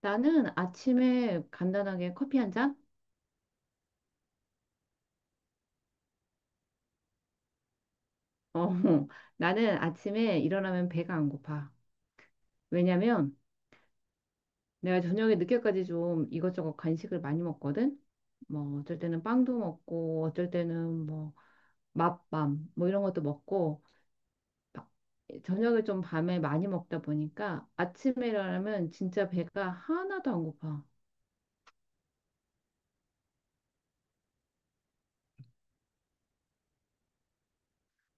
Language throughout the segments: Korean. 나는 아침에 간단하게 커피 한 잔? 어, 나는 아침에 일어나면 배가 안 고파. 왜냐면 내가 저녁에 늦게까지 좀 이것저것 간식을 많이 먹거든? 뭐 어쩔 때는 빵도 먹고 어쩔 때는 뭐 맛밤 뭐 이런 것도 먹고 바- 저녁을 좀 밤에 많이 먹다 보니까 아침에 일어나면 진짜 배가 하나도 안 고파.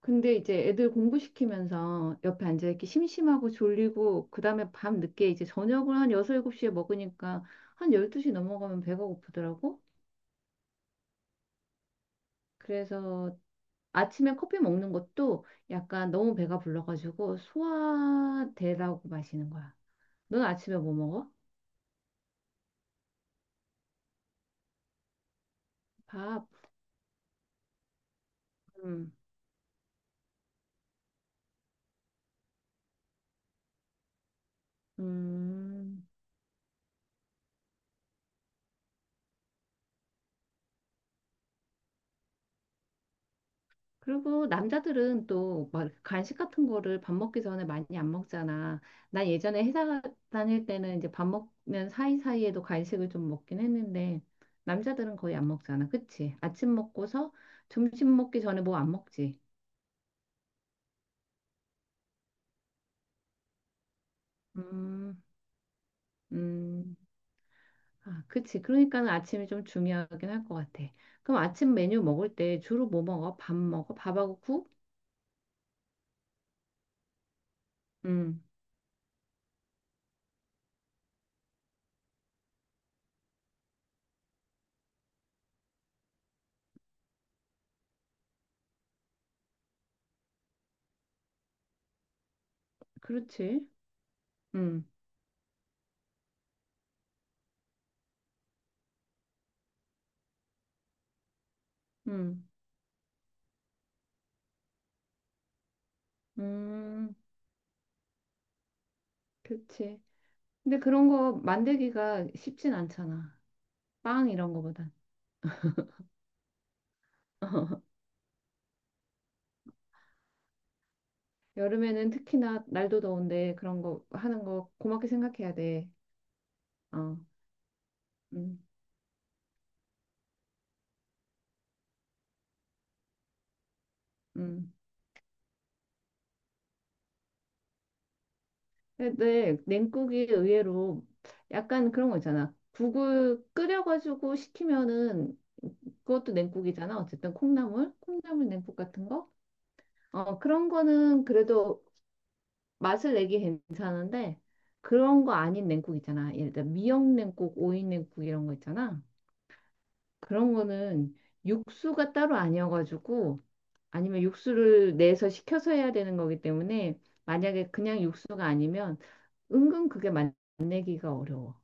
근데 이제 애들 공부시키면서 옆에 앉아있기 심심하고 졸리고 그다음에 밤늦게 이제 저녁을 한 6, 7시에 먹으니까 한 12시 넘어가면 배가 고프더라고. 그래서 아침에 커피 먹는 것도 약간 너무 배가 불러가지고 소화되라고 마시는 거야. 넌 아침에 뭐 먹어? 밥. 음. 음. 그리고 남자들은 또 막 간식 같은 거를 밥 먹기 전에 많이 안 먹잖아. 난 예전에 회사 다닐 때는 이제 밥 먹는 사이사이에도 간식을 좀 먹긴 했는데 남자들은 거의 안 먹잖아. 그치? 아침 먹고서 점심 먹기 전에 뭐 안 먹지? 음, 음. 아, 그치. 그러니까는 아침이 좀 중요하긴 할 것 같아. 그럼 아침 메뉴 먹을 때 주로 뭐 먹어? 밥 먹어? 밥하고 국? 음, 그렇지. 음, 음, 음, 그치. 근데 그런 거 만들기가 쉽진 않잖아. 빵 이런 거보단. 여름에는 특히나 날도 더운데 그런 거 하는 거 고맙게 생각해야 돼. 어, 음, 음. 근데 냉국이 의외로 약간 그런 거 있잖아. 국을 끓여가지고 식히면은 그것도 냉국이잖아. 어쨌든 콩나물, 콩나물 냉국 같은 거. 어, 그런 거는 그래도 맛을 내기 괜찮은데 그런 거 아닌 냉국 있잖아. 예를 들어 미역 냉국, 오이 냉국 이런 거 있잖아. 그런 거는 육수가 따로 아니어가지고 아니면 육수를 내서 시켜서 해야 되는 거기 때문에 만약에 그냥 육수가 아니면 은근 그게 맛내기가 어려워.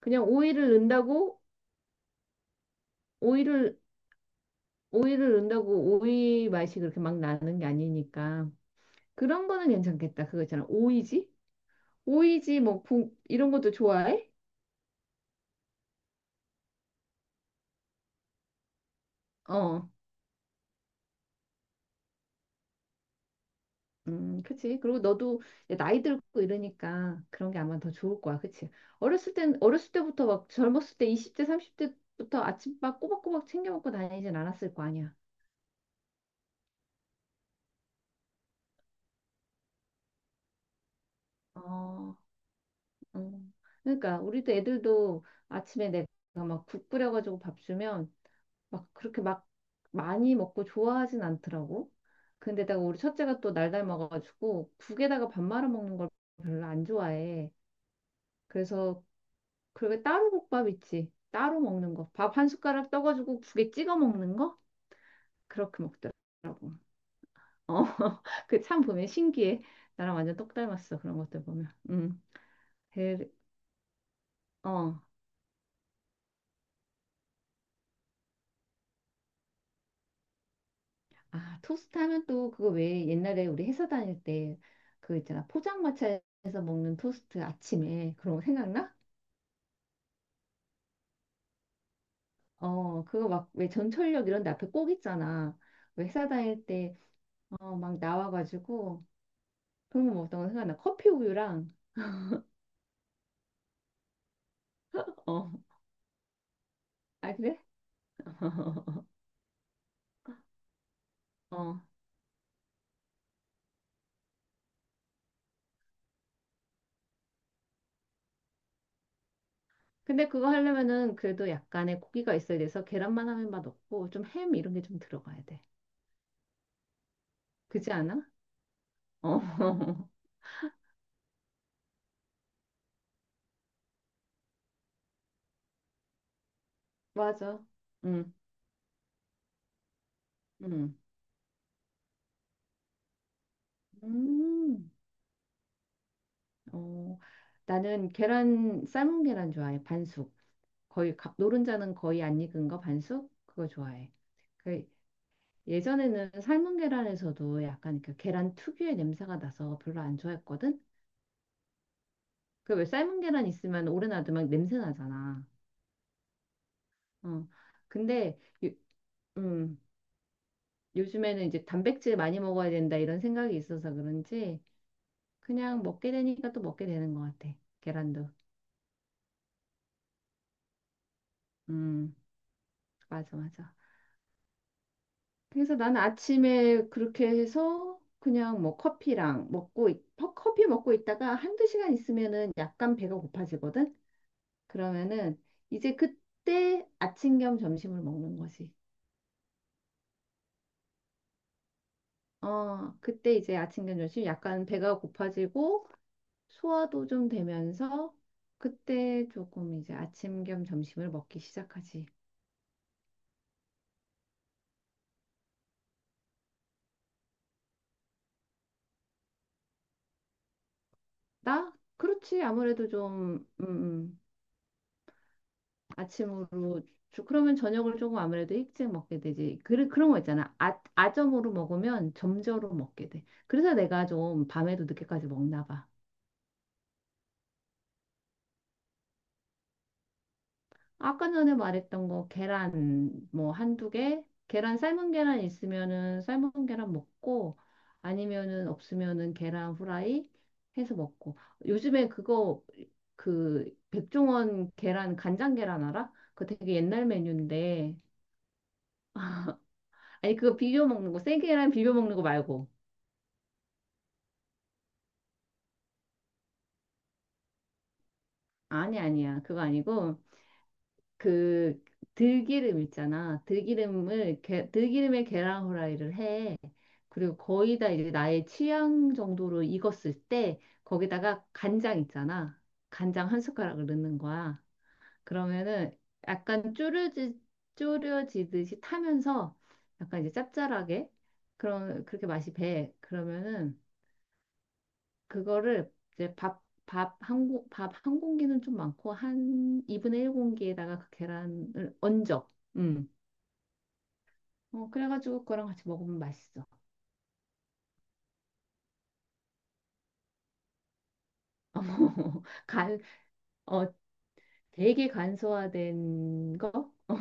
그냥 오이를 넣는다고 오이를 오이를 넣는다고 오이 맛이 그렇게 막 나는 게 아니니까 그런 거는 괜찮겠다. 그거 있잖아. 오이지? 오이지 뭐 이런 것도 좋아해? 어. 그치. 그리고 너도 이제 나이 들고 이러니까 그런 게 아마 더 좋을 거야. 그치. 어렸을 땐, 어렸을 때부터 막 젊었을 때 20대, 30대부터 아침밥 꼬박꼬박 챙겨 먹고 다니진 않았을 거 아니야. 어, 음. 그러니까 우리도 애들도 아침에 내가 막 국 끓여가지고 밥 주면 막 그렇게 막 많이 먹고 좋아하진 않더라고. 근데다가 우리 첫째가 또 날달 먹어가지고 국에다가 밥 말아 먹는 걸 별로 안 좋아해. 그래서 그리고 따로 국밥 있지. 따로 먹는 거. 밥 한 숟가락 떠가지고 국에 찍어 먹는 거? 그렇게 먹더라고. 어, 그 참 보면 신기해. 나랑 완전 똑 닮았어. 그런 것들 보면. 음. 그, 어. 아, 토스트 하면 또 그거 왜 옛날에 우리 회사 다닐 때 그 있잖아. 포장마차에서 먹는 토스트 아침에. 그런 거 생각나? 어, 그거 막 왜 전철역 이런 데 앞에 꼭 있잖아. 왜 회사 다닐 때, 어, 막 나와가지고 그런 거 먹었던 거 생각나. 커피 우유랑, 어, 아, 그래? 어. 근데 그거 하려면은 그래도 약간의 고기가 있어야 돼서 계란만 하면 맛없고 좀 햄 이런 게 좀 들어가야 돼. 그지 않아? 어. 맞아. 응. 응. 음. 어. 나는 계란 삶은 계란 좋아해. 반숙. 거의 노른자는 거의 안 익은 거 반숙 그거 좋아해. 그 예전에는 삶은 계란에서도 약간 그 계란 특유의 냄새가 나서 별로 안 좋아했거든. 그 왜 삶은 계란 있으면 오래 놔두면 냄새 나잖아. 어. 근데 음, 요즘에는 이제 단백질 많이 먹어야 된다 이런 생각이 있어서 그런지 그냥 먹게 되니까 또 먹게 되는 것 같아. 계란도. 음, 맞아, 맞아. 그래서 나는 아침에 그렇게 해서 그냥 뭐 커피랑 먹고, 커피 먹고 있다가 한두 시간 있으면은 약간 배가 고파지거든? 그러면은 이제 그때 아침 겸 점심을 먹는 거지. 어, 그때 이제 아침 겸 점심 약간 배가 고파지고 소화도 좀 되면서 그때 조금 이제 아침 겸 점심을 먹기 시작하지. 나? 그렇지. 아무래도 좀 아침으로 그러면 저녁을 조금 아무래도 일찍 먹게 되지. 그, 그런 거 있잖아. 아, 아점으로 먹으면 점저로 먹게 돼. 그래서 내가 좀 밤에도 늦게까지 먹나 봐. 아까 전에 말했던 거 계란 뭐 한두 개 계란 삶은 계란 있으면은 삶은 계란 먹고 아니면은 없으면은 계란 후라이 해서 먹고 요즘에 그거 그 백종원 계란 간장 계란 알아? 그거 되게 옛날 메뉴인데 아니 그거 비벼 먹는 거 생계란 비벼 먹는 거 말고 아니 아니야 그거 아니고 그 들기름 있잖아. 들기름에 계란 후라이를 해. 그리고 거의 다 이제 나의 취향 정도로 익었을 때 거기다가 간장 있잖아. 간장 한 숟가락을 넣는 거야. 그러면은 약간 쪼려지듯이 타면서 약간 이제 짭짤하게 그런 그렇게 맛이 배. 그러면은 그거를 이제 밥 한 공기는 좀 많고 한 2분의 1 공기에다가 그 계란을 얹어. 음. 어, 그래가지고 그거랑 같이 먹으면 맛있어. 간, 어, 되게 간소화된 거? 어,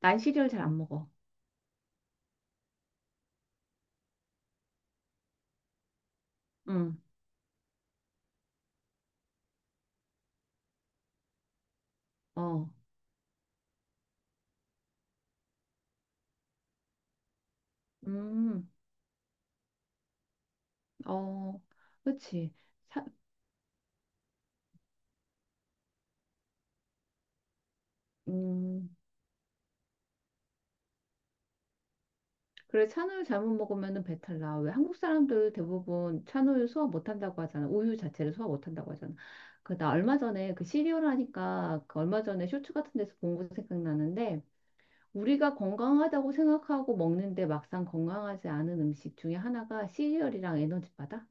난 시리얼 잘 안 먹어. 응, 어, 음, 어, 그치. 사, 음, 그래, 찬우유 잘못 먹으면은 배탈 나. 왜 한국 사람들 대부분 찬우유 소화 못 한다고 하잖아. 우유 자체를 소화 못 한다고 하잖아. 그, 나 얼마 전에 그 시리얼 하니까 그 얼마 전에 쇼츠 같은 데서 본 거 생각나는데 우리가 건강하다고 생각하고 먹는데 막상 건강하지 않은 음식 중에 하나가 시리얼이랑 에너지바다?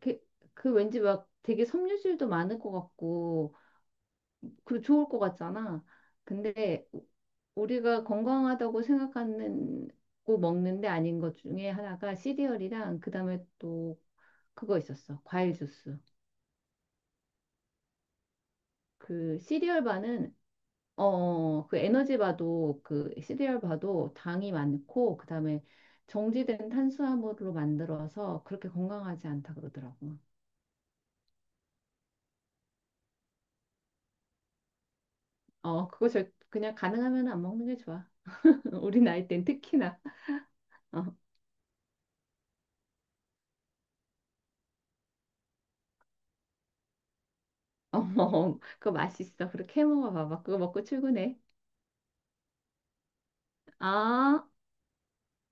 그, 그 왠지 막 되게 섬유질도 많을 것 같고 그 좋을 것 같잖아. 근데 우리가 건강하다고 생각하는 고 먹는 데 아닌 것 중에 하나가 시리얼이랑 그다음에 또 그거 있었어. 과일 주스. 그 시리얼 바는 어, 어, 어, 그 에너지 바도 그 시리얼 바도 당이 많고 그다음에 정지된 탄수화물로 만들어서 그렇게 건강하지 않다 그러더라고. 어, 그거 절 그냥 가능하면 안 먹는 게 좋아. 우리 나이 땐 특히나. 어. 어머, 그거 맛있어. 그렇게 해 먹어봐봐. 그거 먹고 출근해. 아.